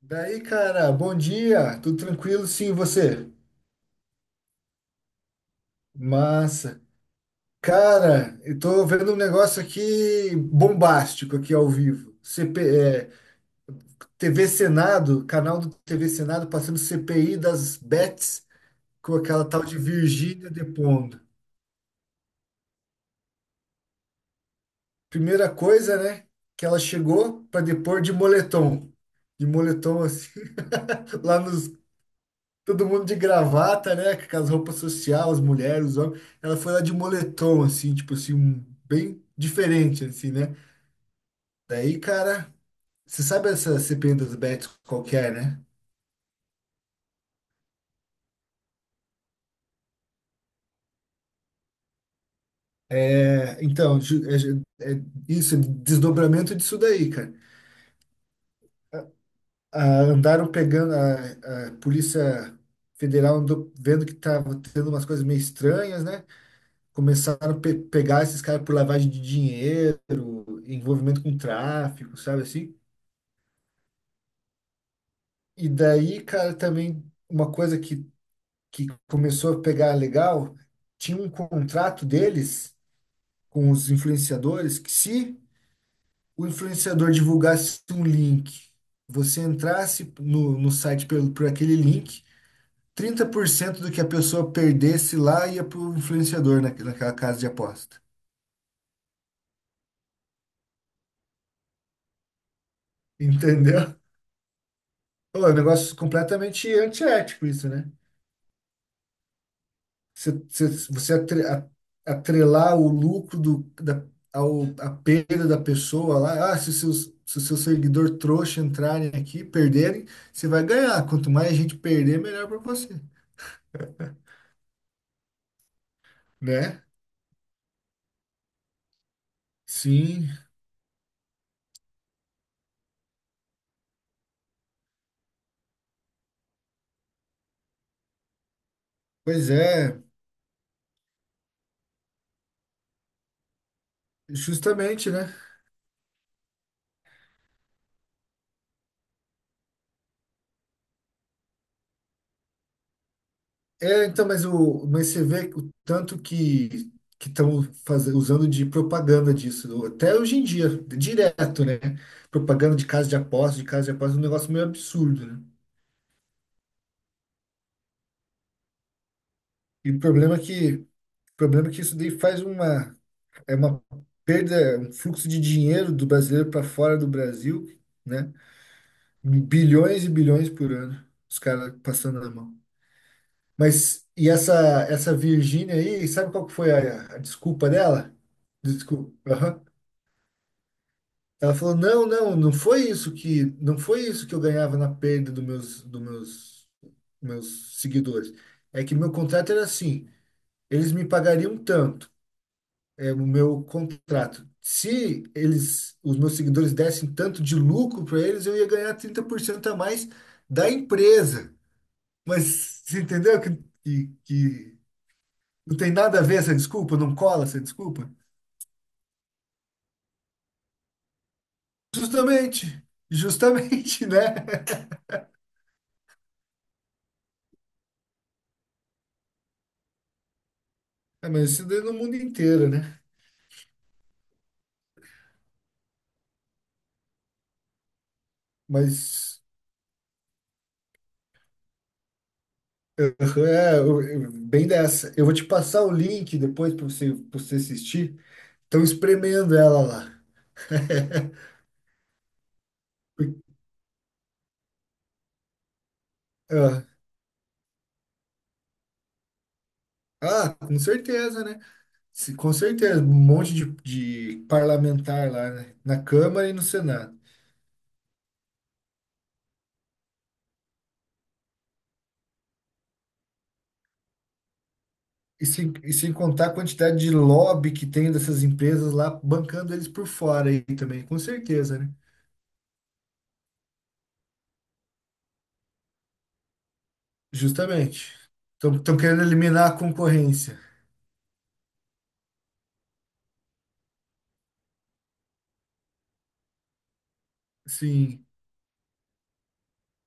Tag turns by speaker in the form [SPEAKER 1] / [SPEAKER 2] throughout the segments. [SPEAKER 1] Daí, cara, bom dia, tudo tranquilo? Sim, e você? Massa. Cara, eu tô vendo um negócio aqui bombástico aqui ao vivo. CP, é, TV Senado, canal do TV Senado passando CPI das bets com aquela tal de Virgínia depondo. Primeira coisa, né, que ela chegou para depor de moletom. De moletom assim, lá no todo mundo de gravata, né? Com aquelas roupas social, as mulheres, os homens. Ela foi lá de moletom, assim, tipo assim, bem diferente, assim, né? Daí, cara, você sabe essa CPI das Bets qualquer, né? É, então, é isso, é desdobramento disso daí, cara. Ah, andaram pegando a Polícia Federal, andou vendo que tava tendo umas coisas meio estranhas, né? Começaram a pe pegar esses caras por lavagem de dinheiro, envolvimento com tráfico, sabe assim? E daí, cara, também uma coisa que começou a pegar legal, tinha um contrato deles com os influenciadores que, se o influenciador divulgasse um link, você entrasse no site por aquele link, 30% do que a pessoa perdesse lá ia para o influenciador naquela casa de aposta. Entendeu? Pô, é um negócio completamente antiético isso, né? Você atrelar o lucro do, da, a perda da pessoa lá, ah, se o seu seguidor trouxa entrarem aqui, perderem, você vai ganhar. Quanto mais gente perder, melhor para você, né? Sim, pois é, justamente, né? É, então, mas, mas você vê o tanto que estão fazendo, usando de propaganda disso, até hoje em dia, direto, né? Propaganda de casa de aposta, de casa de aposta, é um negócio meio absurdo, né? E o problema é que O problema é que isso daí faz é uma perda, um fluxo de dinheiro do brasileiro para fora do Brasil, né? Bilhões e bilhões por ano, os caras passando na mão. Mas, e essa Virgínia aí, sabe qual que foi a desculpa dela? Desculpa. Aham. Ela falou, não, não, não foi isso que eu ganhava na perda dos meus, meus seguidores. É que meu contrato era assim, eles me pagariam tanto. É, o meu contrato. Se eles, os meus seguidores dessem tanto de lucro para eles, eu ia ganhar 30% a mais da empresa. Mas você entendeu que não tem nada a ver essa desculpa? Não cola essa desculpa? Justamente, justamente, né? É, mas isso daí é no mundo inteiro, né? Mas é, eu- bem dessa. Eu vou te passar o link depois pra você assistir. Estão espremendo ela lá. Aham. Ah, com certeza, né? Com certeza, um monte de parlamentar lá, né? Na Câmara e no Senado. E sem contar a quantidade de lobby que tem dessas empresas lá bancando eles por fora aí também, com certeza, né? Justamente. Estão querendo eliminar a concorrência. Sim.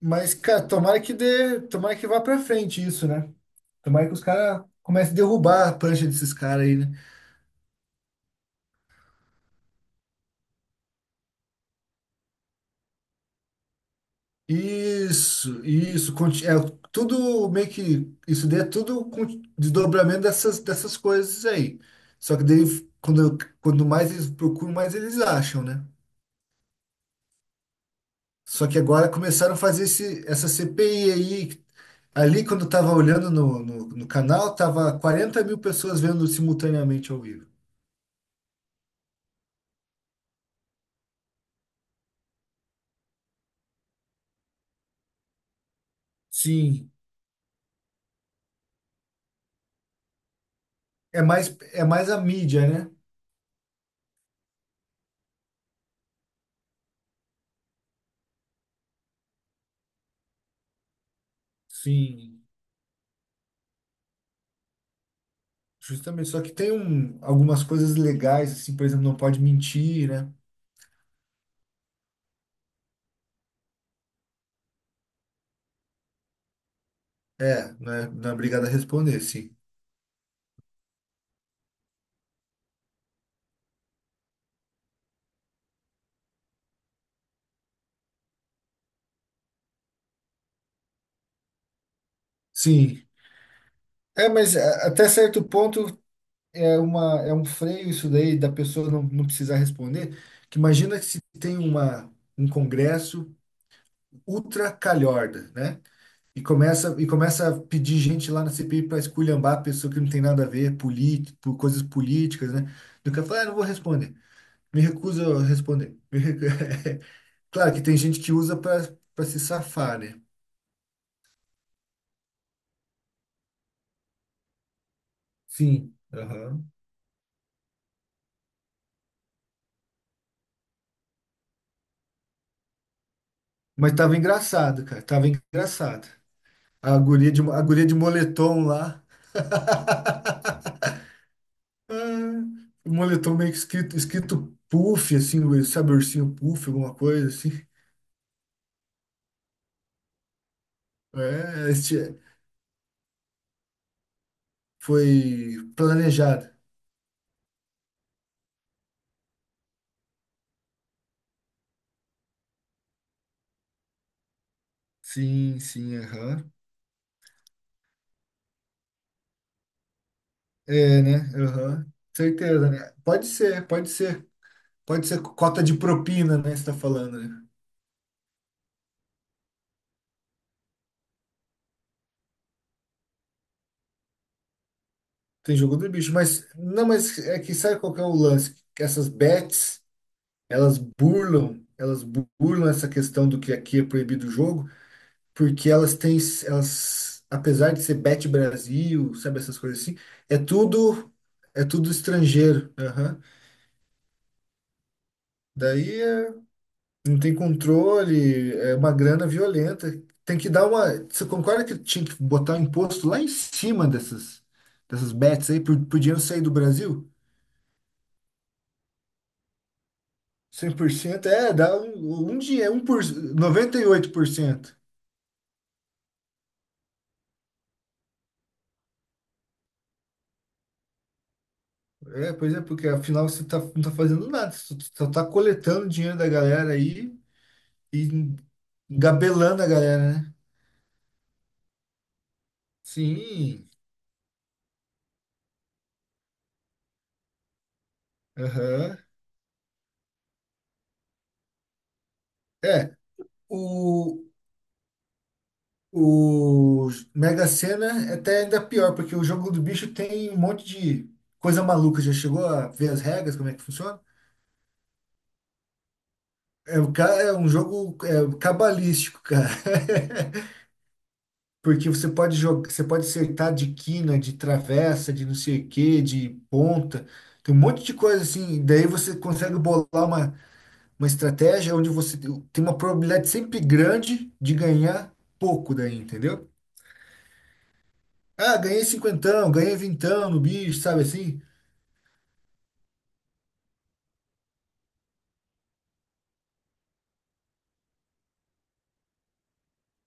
[SPEAKER 1] Mas, cara, tomara que dê, tomara que vá pra frente isso, né? Tomara que os caras comecem a derrubar a prancha desses caras aí, né? Isso, é tudo meio que isso daí é tudo com desdobramento dessas coisas aí. Só que daí quando mais eles procuram, mais eles acham, né? Só que agora começaram a fazer essa CPI aí. Ali, quando eu tava olhando no canal, tava 40.000 pessoas vendo simultaneamente ao vivo. Sim, é mais a mídia, né? Sim. Justamente. Só que tem algumas coisas legais, assim, por exemplo, não pode mentir, né? É, né, não é obrigado a responder, sim. Sim, é, mas até certo ponto é é um freio isso daí da pessoa não precisar responder. Que imagina que se tem um congresso ultra calhorda, né? E começa a pedir gente lá na CPI para esculhambar a pessoa que não tem nada a ver, por coisas políticas, né? Do que falar, ah, não vou responder. Me recuso a responder. Claro que tem gente que usa para se safar, né? Sim. Mas tava engraçado, cara. Tava engraçado. A guria de moletom lá. Ah, o moletom meio que escrito puff, assim, sabe, ursinho puff, alguma coisa assim. É, este foi planejado. Sim, sim, aham. É, né? Aham. Certeza, né? Pode ser, pode ser. Pode ser cota de propina, né? Você tá falando, né? Tem jogo do bicho, mas não, mas é que sabe qual que é o lance? Que essas bets. Elas burlam essa questão do que aqui é proibido o jogo, porque elas, apesar de ser Bet Brasil, sabe essas coisas assim, é tudo, é tudo estrangeiro. Aham. Daí não tem controle, é uma grana violenta. Tem que dar uma. Você concorda que tinha que botar um imposto lá em cima dessas bets aí, por dinheiro sair do Brasil? 100%, dá um, um dia, um por, 98%. É, pois é, porque afinal você tá, não tá fazendo nada, você só tá coletando dinheiro da galera aí e engabelando a galera, né? Sim, aham. É, o, o Mega Sena é até ainda pior, porque o jogo do bicho tem um monte de coisa maluca. Já chegou a ver as regras, como é que funciona? É, é um jogo, cabalístico, cara. Porque você pode jogar, você pode acertar de quina, de travessa, de não sei o quê, de ponta. Tem um monte de coisa assim. Daí você consegue bolar uma estratégia onde você tem uma probabilidade sempre grande de ganhar pouco daí, entendeu? Ah, ganhei cinquentão, ganhei vintão no bicho, sabe assim?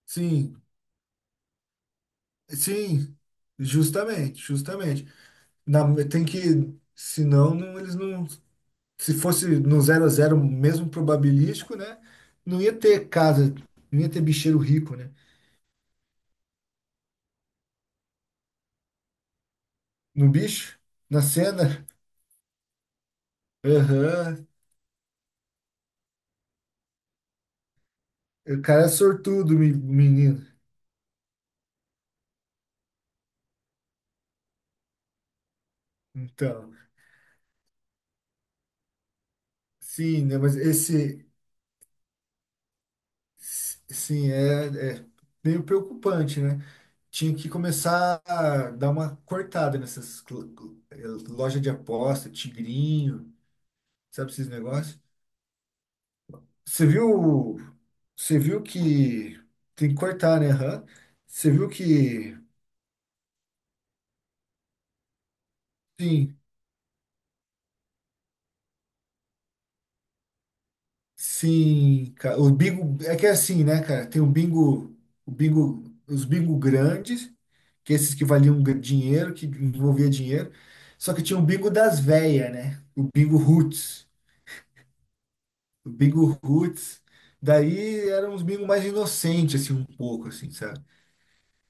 [SPEAKER 1] Sim, sim, justamente, justamente. Na- Tem que, senão não, eles não. Se fosse no zero a zero mesmo probabilístico, né? Não ia ter casa, não ia ter bicheiro rico, né? No bicho, na cena, aham, o cara é sortudo, menino. Então, sim, né? Mas esse, sim, é meio preocupante, né? Tinha que começar a dar uma cortada nessas loja de aposta, tigrinho, sabe esses negócios? Você viu, você viu que tem que cortar, né? Aham. Você viu que sim, sim, cara, o bingo é que é assim, né, cara? Tem o bingo, os bingo grandes, que é esses que valiam dinheiro, que envolvia dinheiro. Só que tinha o bingo das véias, né? O bingo roots, o bingo roots. Daí eram uns bingo mais inocentes, assim, um pouco, assim, sabe?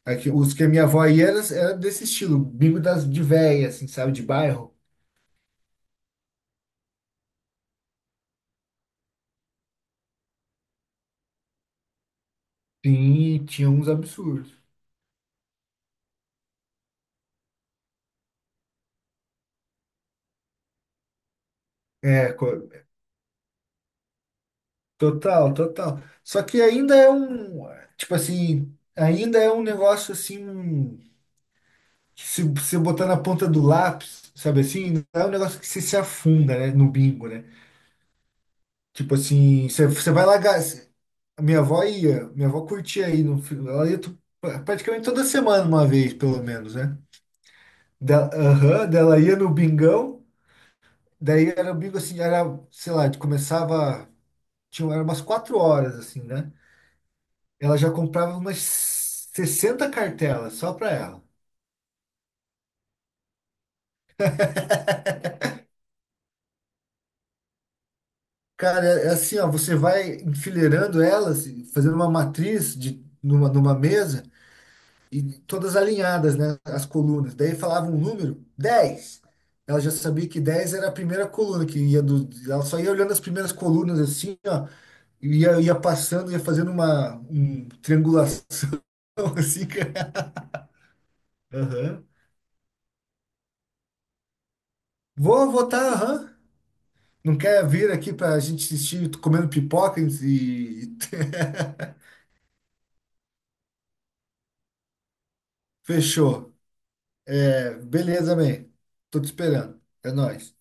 [SPEAKER 1] Aqui, os que a minha avó ia era, desse estilo, bingo das de véia, assim, sabe, de bairro. Sim, tinha uns absurdos. É, total, total. Só que ainda é um, tipo assim, ainda é um negócio assim, que se você botar na ponta do lápis, sabe assim, não é um negócio que você se afunda, né, no bingo, né? Tipo assim, você vai lá, a minha avó ia, minha avó curtia aí, no, fi- ela ia praticamente toda semana, uma vez, pelo menos, né? Dela, aham, dela ia no bingão, daí era o bingo assim, era, sei lá, começava. Eram umas 4 horas, assim, né? Ela já comprava umas 60 cartelas só para ela. Cara, é assim, ó, você vai enfileirando elas, fazendo uma matriz numa mesa, e todas alinhadas, né, as colunas. Daí falava um número, 10. Ela já sabia que 10 era a primeira coluna, que ela só ia olhando as primeiras colunas assim, ó, e ia passando, ia fazendo uma triangulação assim, cara. Aham. Vou votar, aham. Não quer vir aqui pra gente assistir comendo pipoca e- Fechou. É, beleza, man. Tô te esperando. É nóis.